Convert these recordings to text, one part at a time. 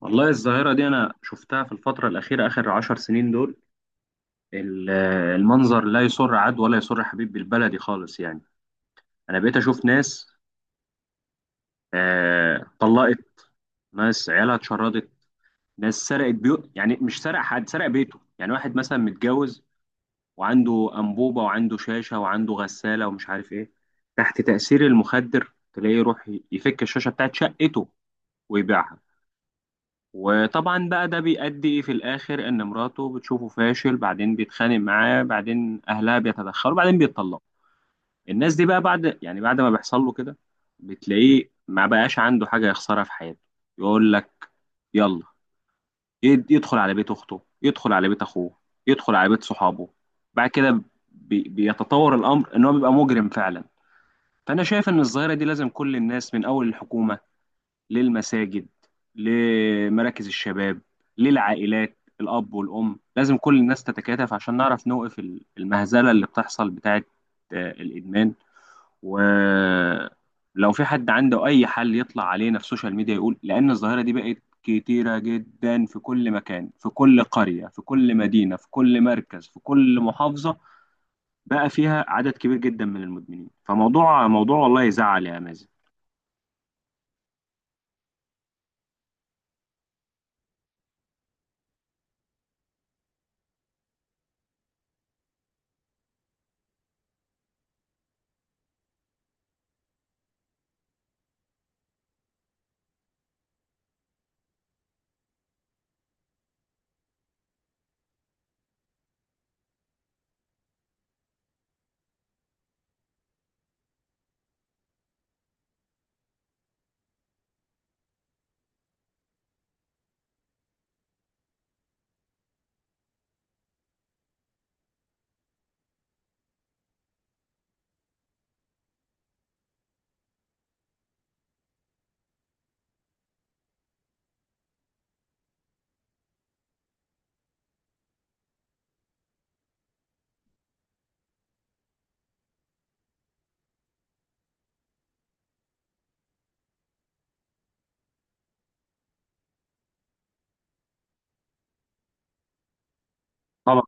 والله الظاهرة دي أنا شفتها في الفترة الأخيرة آخر 10 سنين دول. ال- المنظر لا يسر عاد ولا يسر حبيب، بالبلدي خالص يعني. أنا بقيت أشوف ناس طلقت. ناس عيالها اتشردت. ناس سرقت بيوت، يعني مش سرق حد سرق بيته، يعني واحد مثلا متجوز وعنده أنبوبة وعنده شاشة وعنده غسالة ومش عارف إيه. تحت تأثير المخدر تلاقيه يروح يفك الشاشة بتاعت شقته ويبيعها. وطبعا بقى ده بيؤدي في الاخر ان مراته بتشوفه فاشل، بعدين بيتخانق معاه، بعدين اهلها بيتدخلوا، بعدين بيتطلقوا. الناس دي بقى بعد، يعني بعد ما بيحصل له كده، بتلاقيه ما بقاش عنده حاجة يخسرها في حياته. يقول لك يلا. يدخل على بيت اخته، يدخل على بيت اخوه، يدخل على بيت صحابه. بعد كده بيتطور الامر ان هو بيبقى مجرم فعلا. فانا شايف ان الظاهرة دي لازم كل الناس، من اول الحكومة للمساجد لمراكز الشباب للعائلات الأب والأم، لازم كل الناس تتكاتف عشان نعرف نوقف المهزلة اللي بتحصل بتاعة الإدمان. ولو في حد عنده أي حل يطلع علينا في السوشيال ميديا يقول، لأن الظاهرة دي بقت كتيرة جدا، في كل مكان، في كل قرية، في كل مدينة، في كل مركز، في كل محافظة، بقى فيها عدد كبير جدا من المدمنين. فموضوع والله يزعل يا مازن. طبعا.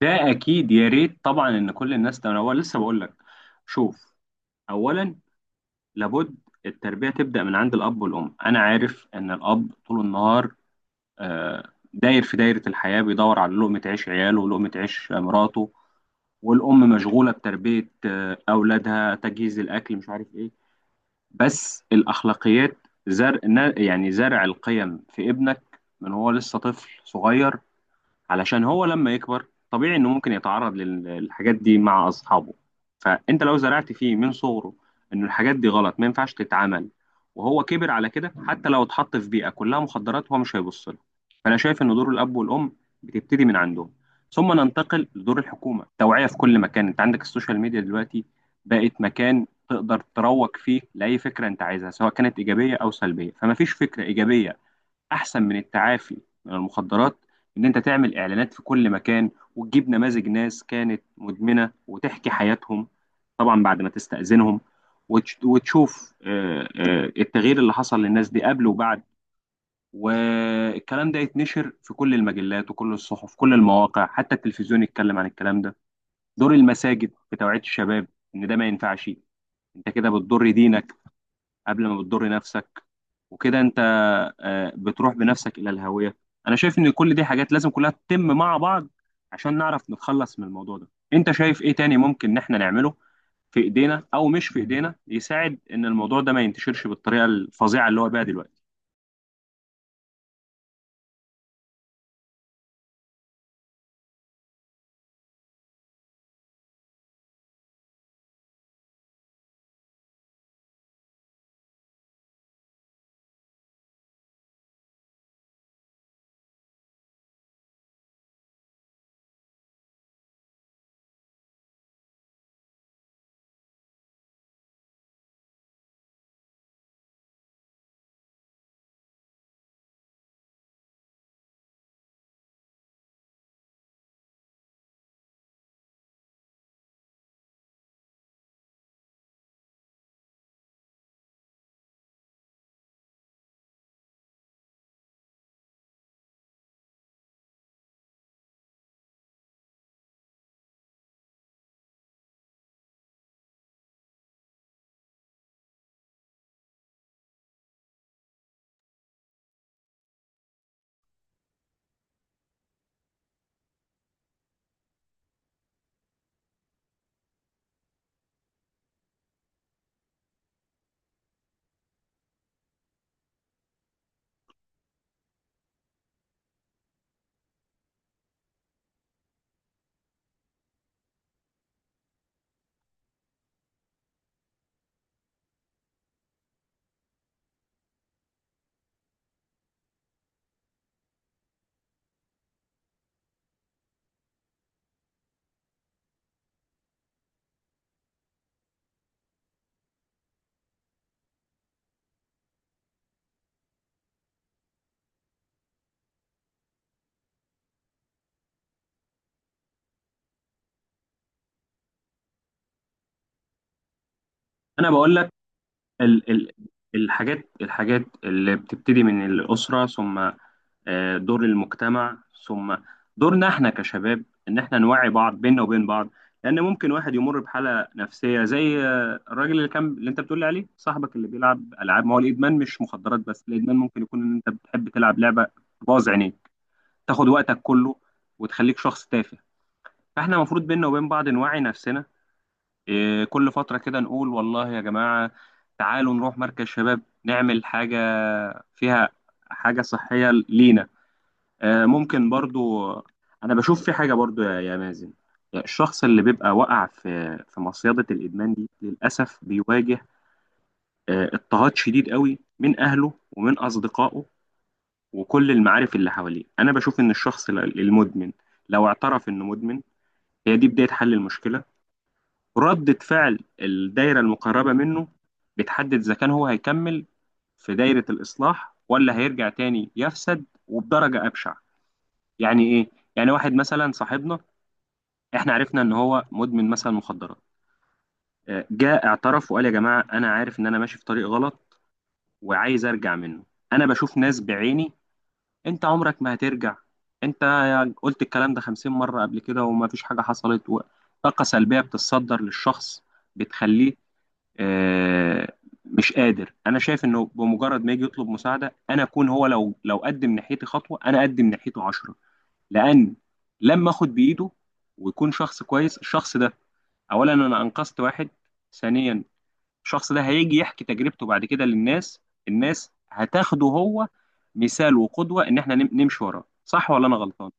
ده اكيد، يا ريت طبعا ان كل الناس تنوع. لسه بقول لك. شوف. اولا، لابد التربيه تبدا من عند الاب والام. انا عارف ان الاب طول النهار آه، داير في دايره الحياه، بيدور على لقمه عيش عياله ولقمه عيش مراته. والام مشغوله بتربيه اولادها، تجهيز الاكل، مش عارف ايه. بس الاخلاقيات، زرع، يعني زرع القيم في ابنك من هو لسه طفل صغير، علشان هو لما يكبر طبيعي انه ممكن يتعرض للحاجات دي مع اصحابه. فانت لو زرعت فيه من صغره انه الحاجات دي غلط ما ينفعش تتعمل، وهو كبر على كده، حتى لو اتحط في بيئة كلها مخدرات هو مش هيبص لها. فانا شايف ان دور الاب والام بتبتدي من عندهم. ثم ننتقل لدور الحكومة، توعية في كل مكان. انت عندك السوشيال ميديا دلوقتي بقت مكان تقدر تروج فيه لأي فكرة انت عايزها، سواء كانت إيجابية أو سلبية. فما فيش فكرة إيجابية احسن من التعافي من المخدرات، ان انت تعمل اعلانات في كل مكان وتجيب نماذج ناس كانت مدمنة وتحكي حياتهم، طبعا بعد ما تستأذنهم، وتشوف التغيير اللي حصل للناس دي قبل وبعد. والكلام ده يتنشر في كل المجلات وكل الصحف، كل المواقع، حتى التلفزيون يتكلم عن الكلام ده. دور المساجد في توعية الشباب ان ده ما ينفعش، انت كده بتضر دينك قبل ما بتضر نفسك، وكده انت بتروح بنفسك الى الهوية. انا شايف ان كل دي حاجات لازم كلها تتم مع بعض عشان نعرف نتخلص من الموضوع ده. انت شايف ايه تاني ممكن ان احنا نعمله في ايدينا او مش في ايدينا، يساعد ان الموضوع ده ما ينتشرش بالطريقة الفظيعة اللي هو بيها دلوقتي؟ انا بقول لك ال ال الحاجات اللي بتبتدي من الأسرة، ثم دور المجتمع، ثم دورنا احنا كشباب ان احنا نوعي بعض بيننا وبين بعض. لان ممكن واحد يمر بحاله نفسيه زي الراجل اللي كان، اللي انت بتقول لي عليه صاحبك اللي بيلعب العاب. ما هو الادمان مش مخدرات بس، الادمان ممكن يكون ان انت بتحب تلعب لعبه باظ عينيك، تاخد وقتك كله وتخليك شخص تافه. فاحنا المفروض بيننا وبين بعض نوعي نفسنا، كل فتره كده نقول والله يا جماعه تعالوا نروح مركز شباب نعمل حاجه فيها حاجه صحيه لينا. ممكن برضو. انا بشوف في حاجه برضو يا مازن، الشخص اللي بيبقى وقع في مصيده الادمان دي للاسف بيواجه اضطهاد شديد قوي من اهله ومن اصدقائه وكل المعارف اللي حواليه. انا بشوف ان الشخص المدمن لو اعترف انه مدمن، هي دي بدايه حل المشكله. ردة فعل الدايره المقربه منه بتحدد اذا كان هو هيكمل في دايره الاصلاح، ولا هيرجع تاني يفسد وبدرجه ابشع. يعني ايه؟ يعني واحد مثلا صاحبنا، احنا عرفنا ان هو مدمن مثلا مخدرات، جاء اعترف وقال يا جماعه انا عارف ان انا ماشي في طريق غلط وعايز ارجع منه. انا بشوف ناس بعيني: انت عمرك ما هترجع، انت قلت الكلام ده 50 مره قبل كده وما فيش حاجه حصلت، طاقه سلبيه بتتصدر للشخص بتخليه آه، مش قادر. انا شايف انه بمجرد ما يجي يطلب مساعده، انا اكون هو لو قدم ناحيتي خطوه، انا اقدم ناحيته 10. لان لما اخد بايده ويكون شخص كويس، الشخص ده: اولا انا انقذت واحد، ثانيا الشخص ده هيجي يحكي تجربته بعد كده للناس، الناس هتاخده هو مثال وقدوة ان احنا نمشي وراه. صح ولا انا غلطان؟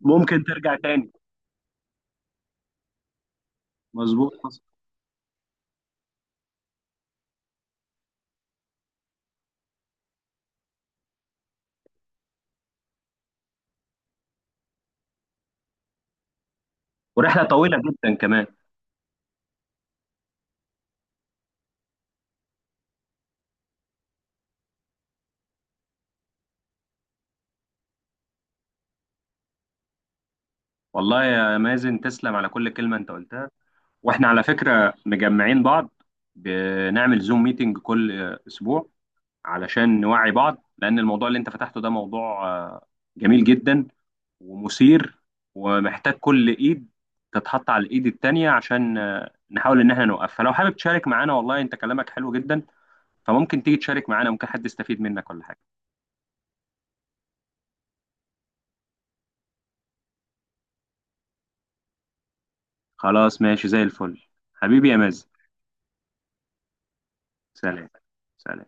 ممكن ترجع تاني. مظبوط حصل. ورحلة طويلة جدا كمان. والله يا مازن تسلم على كل كلمة انت قلتها. واحنا على فكرة مجمعين بعض بنعمل زوم ميتنج كل اسبوع علشان نوعي بعض، لأن الموضوع اللي أنت فتحته ده موضوع جميل جدا ومثير ومحتاج كل إيد تتحط على الإيد التانية عشان نحاول إن إحنا نوقف. فلو حابب تشارك معانا، والله أنت كلامك حلو جدا، فممكن تيجي تشارك معانا، ممكن حد يستفيد منك ولا حاجة. خلاص ماشي زي الفل، حبيبي يا مازن. سلام. سلام.